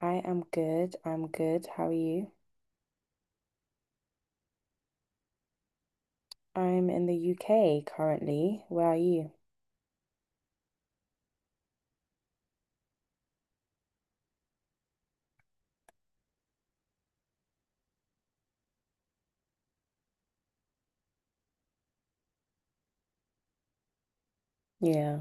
I am good. I'm good. How are you? I'm in the UK currently. Where are you? Yeah.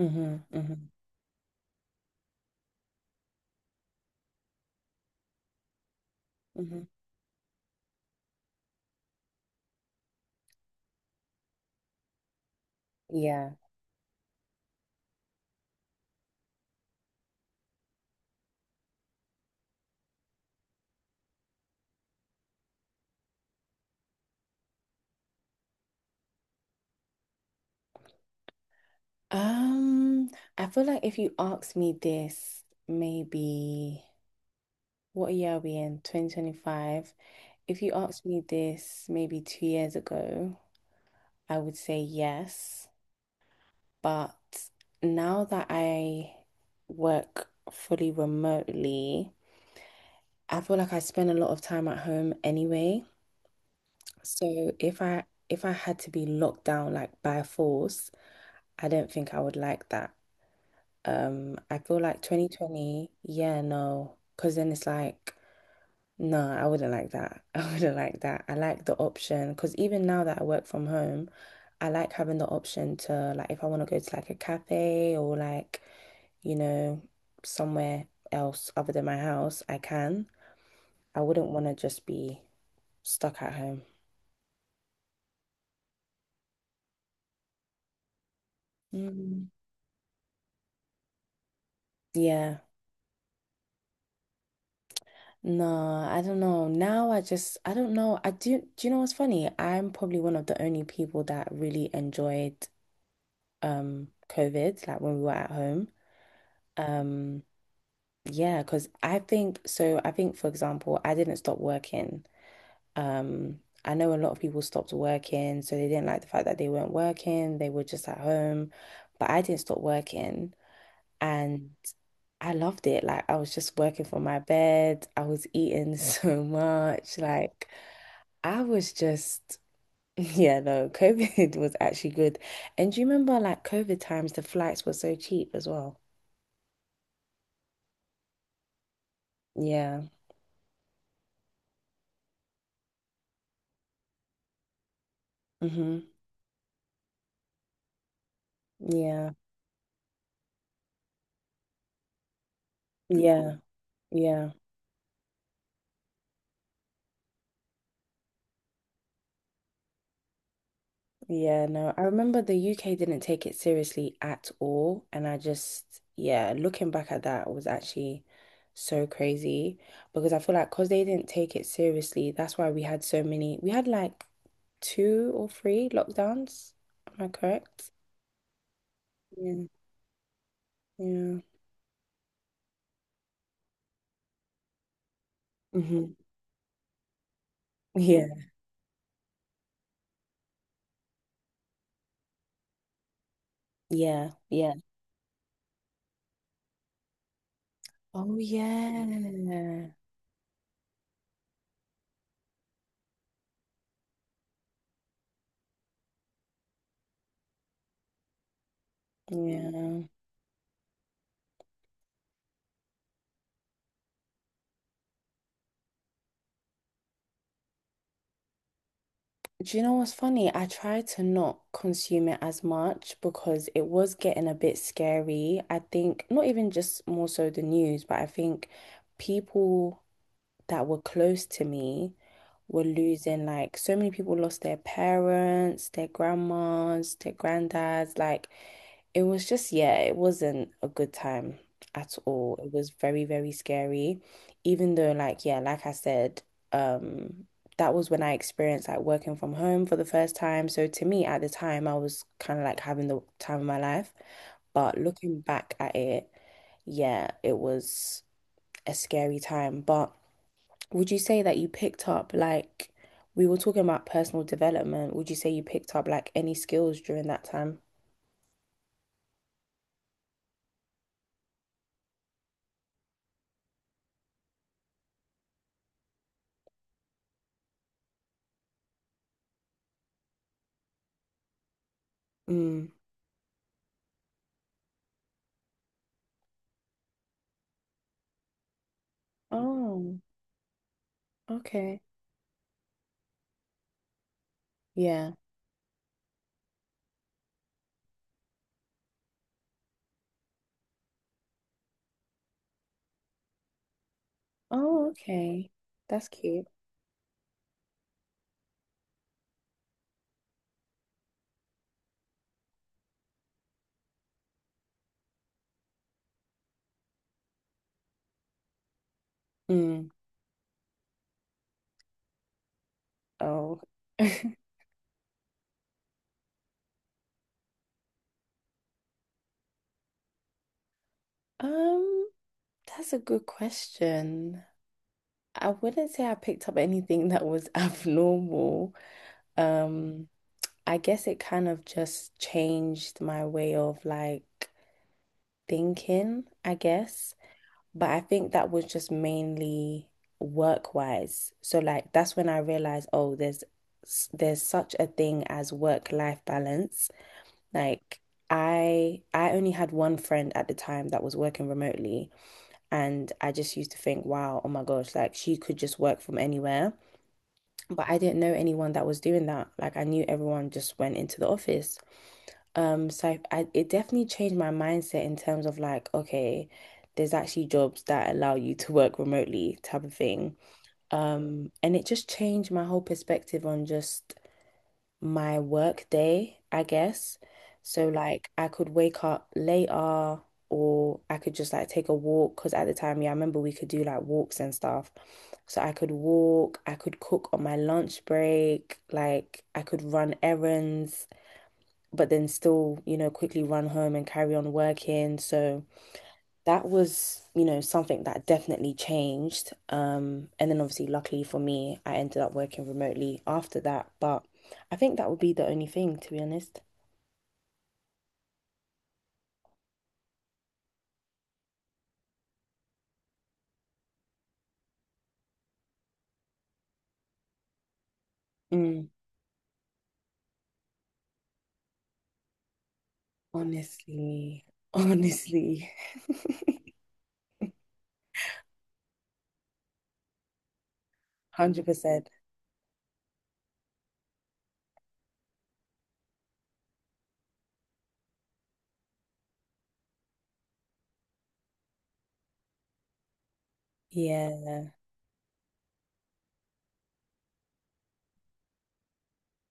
Mm-hmm. Mm-hmm. Mm-hmm. Yeah. Um, I feel like if you asked me this, maybe what year are we in? 2025. If you asked me this maybe 2 years ago, I would say yes. But now that I work fully remotely, I feel like I spend a lot of time at home anyway. So if I had to be locked down like by force, I don't think I would like that. I feel like 2020, yeah, no, because then it's like, no, I wouldn't like that. I wouldn't like that. I like the option because even now that I work from home, I like having the option to like if I want to go to like a cafe or like, you know, somewhere else other than my house, I can. I wouldn't want to just be stuck at home. Mm. Yeah. No, I don't know. Now I don't know. I do Do you know what's funny? I'm probably one of the only people that really enjoyed COVID, like when we were at home. Um yeah, 'cause I think for example, I didn't stop working. I know a lot of people stopped working, so they didn't like the fact that they weren't working, they were just at home, but I didn't stop working and I loved it. Like I was just working from my bed. I was eating so much like I was just, yeah, no, COVID was actually good. And do you remember like COVID times, the flights were so cheap as well? Yeah. Hmm. Yeah. Yeah. Yeah. Yeah. No, I remember the UK didn't take it seriously at all. And I just, yeah, looking back at that was actually so crazy because I feel like because they didn't take it seriously, that's why we had so many, we had like two or three lockdowns. Am I correct? Yeah. Yeah. Mm-hmm. Yeah. Yeah, yeah. Oh yeah. Yeah. Do you know what's funny? I tried to not consume it as much because it was getting a bit scary. I think not even just more so the news, but I think people that were close to me were losing, like so many people lost their parents, their grandmas, their granddads. Like it was just, yeah, it wasn't a good time at all. It was very, very scary. Even though, like, yeah, like I said, um, that was when I experienced like working from home for the first time. So to me at the time, I was kind of like having the time of my life. But looking back at it, yeah, it was a scary time. But would you say that you picked up like, we were talking about personal development, would you say you picked up like any skills during that time? Mm. Oh, okay. Yeah. Oh, okay. That's cute. Mm. Oh. Um, that's a good question. I wouldn't say I picked up anything that was abnormal. Um, I guess it kind of just changed my way of like thinking, I guess. But I think that was just mainly work wise. So like that's when I realized, oh, there's such a thing as work life balance. Like I only had one friend at the time that was working remotely and I just used to think, wow, oh my gosh, like she could just work from anywhere. But I didn't know anyone that was doing that. Like I knew everyone just went into the office. Um, so I, it definitely changed my mindset in terms of like, okay, there's actually jobs that allow you to work remotely type of thing. And it just changed my whole perspective on just my work day, I guess. So like I could wake up later or I could just like take a walk because at the time, yeah, I remember we could do like walks and stuff. So I could walk, I could cook on my lunch break, like I could run errands, but then still, you know, quickly run home and carry on working. So that was, you know, something that definitely changed. And then obviously, luckily for me, I ended up working remotely after that. But I think that would be the only thing, to be honest. Mm. honestly, Honestly, 100%. Yeah.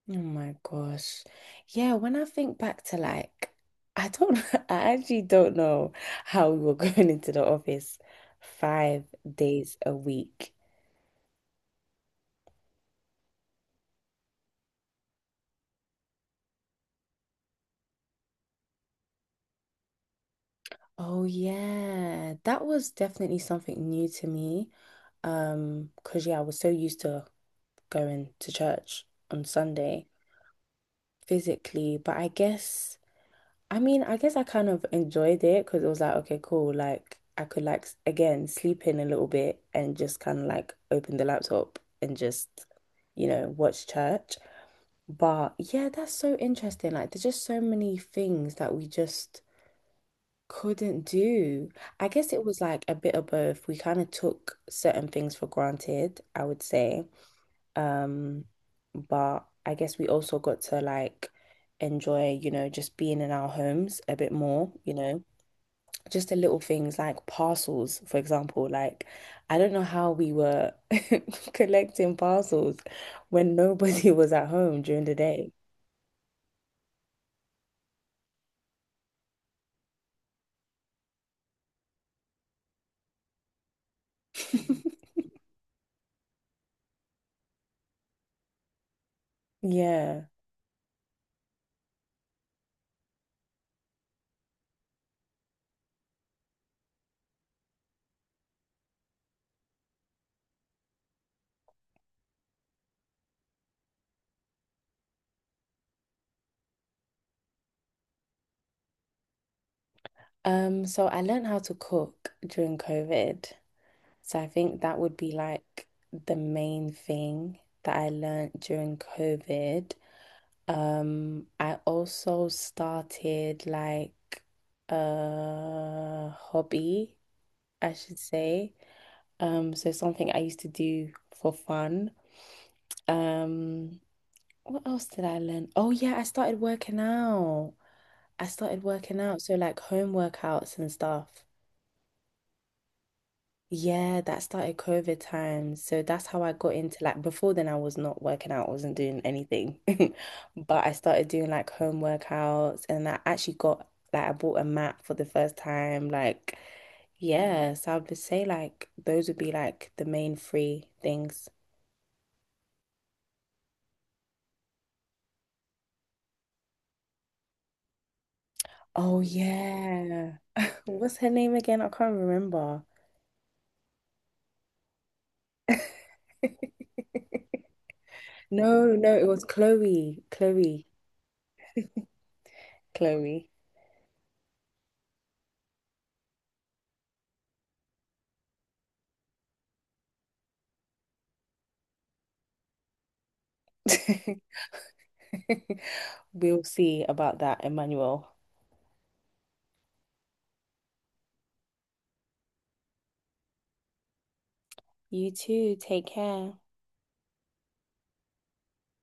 Oh my gosh. Yeah, when I think back to like, I don't, I actually don't know how we were going into the office 5 days a week. Oh yeah, that was definitely something new to me. 'Cause yeah, I was so used to going to church on Sunday physically, but I guess. I mean, I guess I kind of enjoyed it because it was like, okay, cool. Like I could like again sleep in a little bit and just kind of like open the laptop and just, you know, watch church. But yeah, that's so interesting. Like there's just so many things that we just couldn't do. I guess it was like a bit of both. We kind of took certain things for granted, I would say. Um, but I guess we also got to like enjoy, you know, just being in our homes a bit more, you know, just the little things like parcels, for example. Like, I don't know how we were collecting parcels when nobody was at home during the day. Yeah. So I learned how to cook during COVID. So I think that would be like the main thing that I learned during COVID. I also started like a hobby, I should say. So something I used to do for fun. Um, what else did I learn? Oh yeah, I started working out. I started working out, so like home workouts and stuff. Yeah, that started COVID times. So that's how I got into like before then I was not working out, I wasn't doing anything. But I started doing like home workouts and I actually got like I bought a mat for the first time. Like yeah, so I would say like those would be like the main three things. Oh yeah. What's her name again? I can't remember. No, no, it was Chloe. Chloe. Chloe. We'll see about that, Emmanuel. You too. Take care.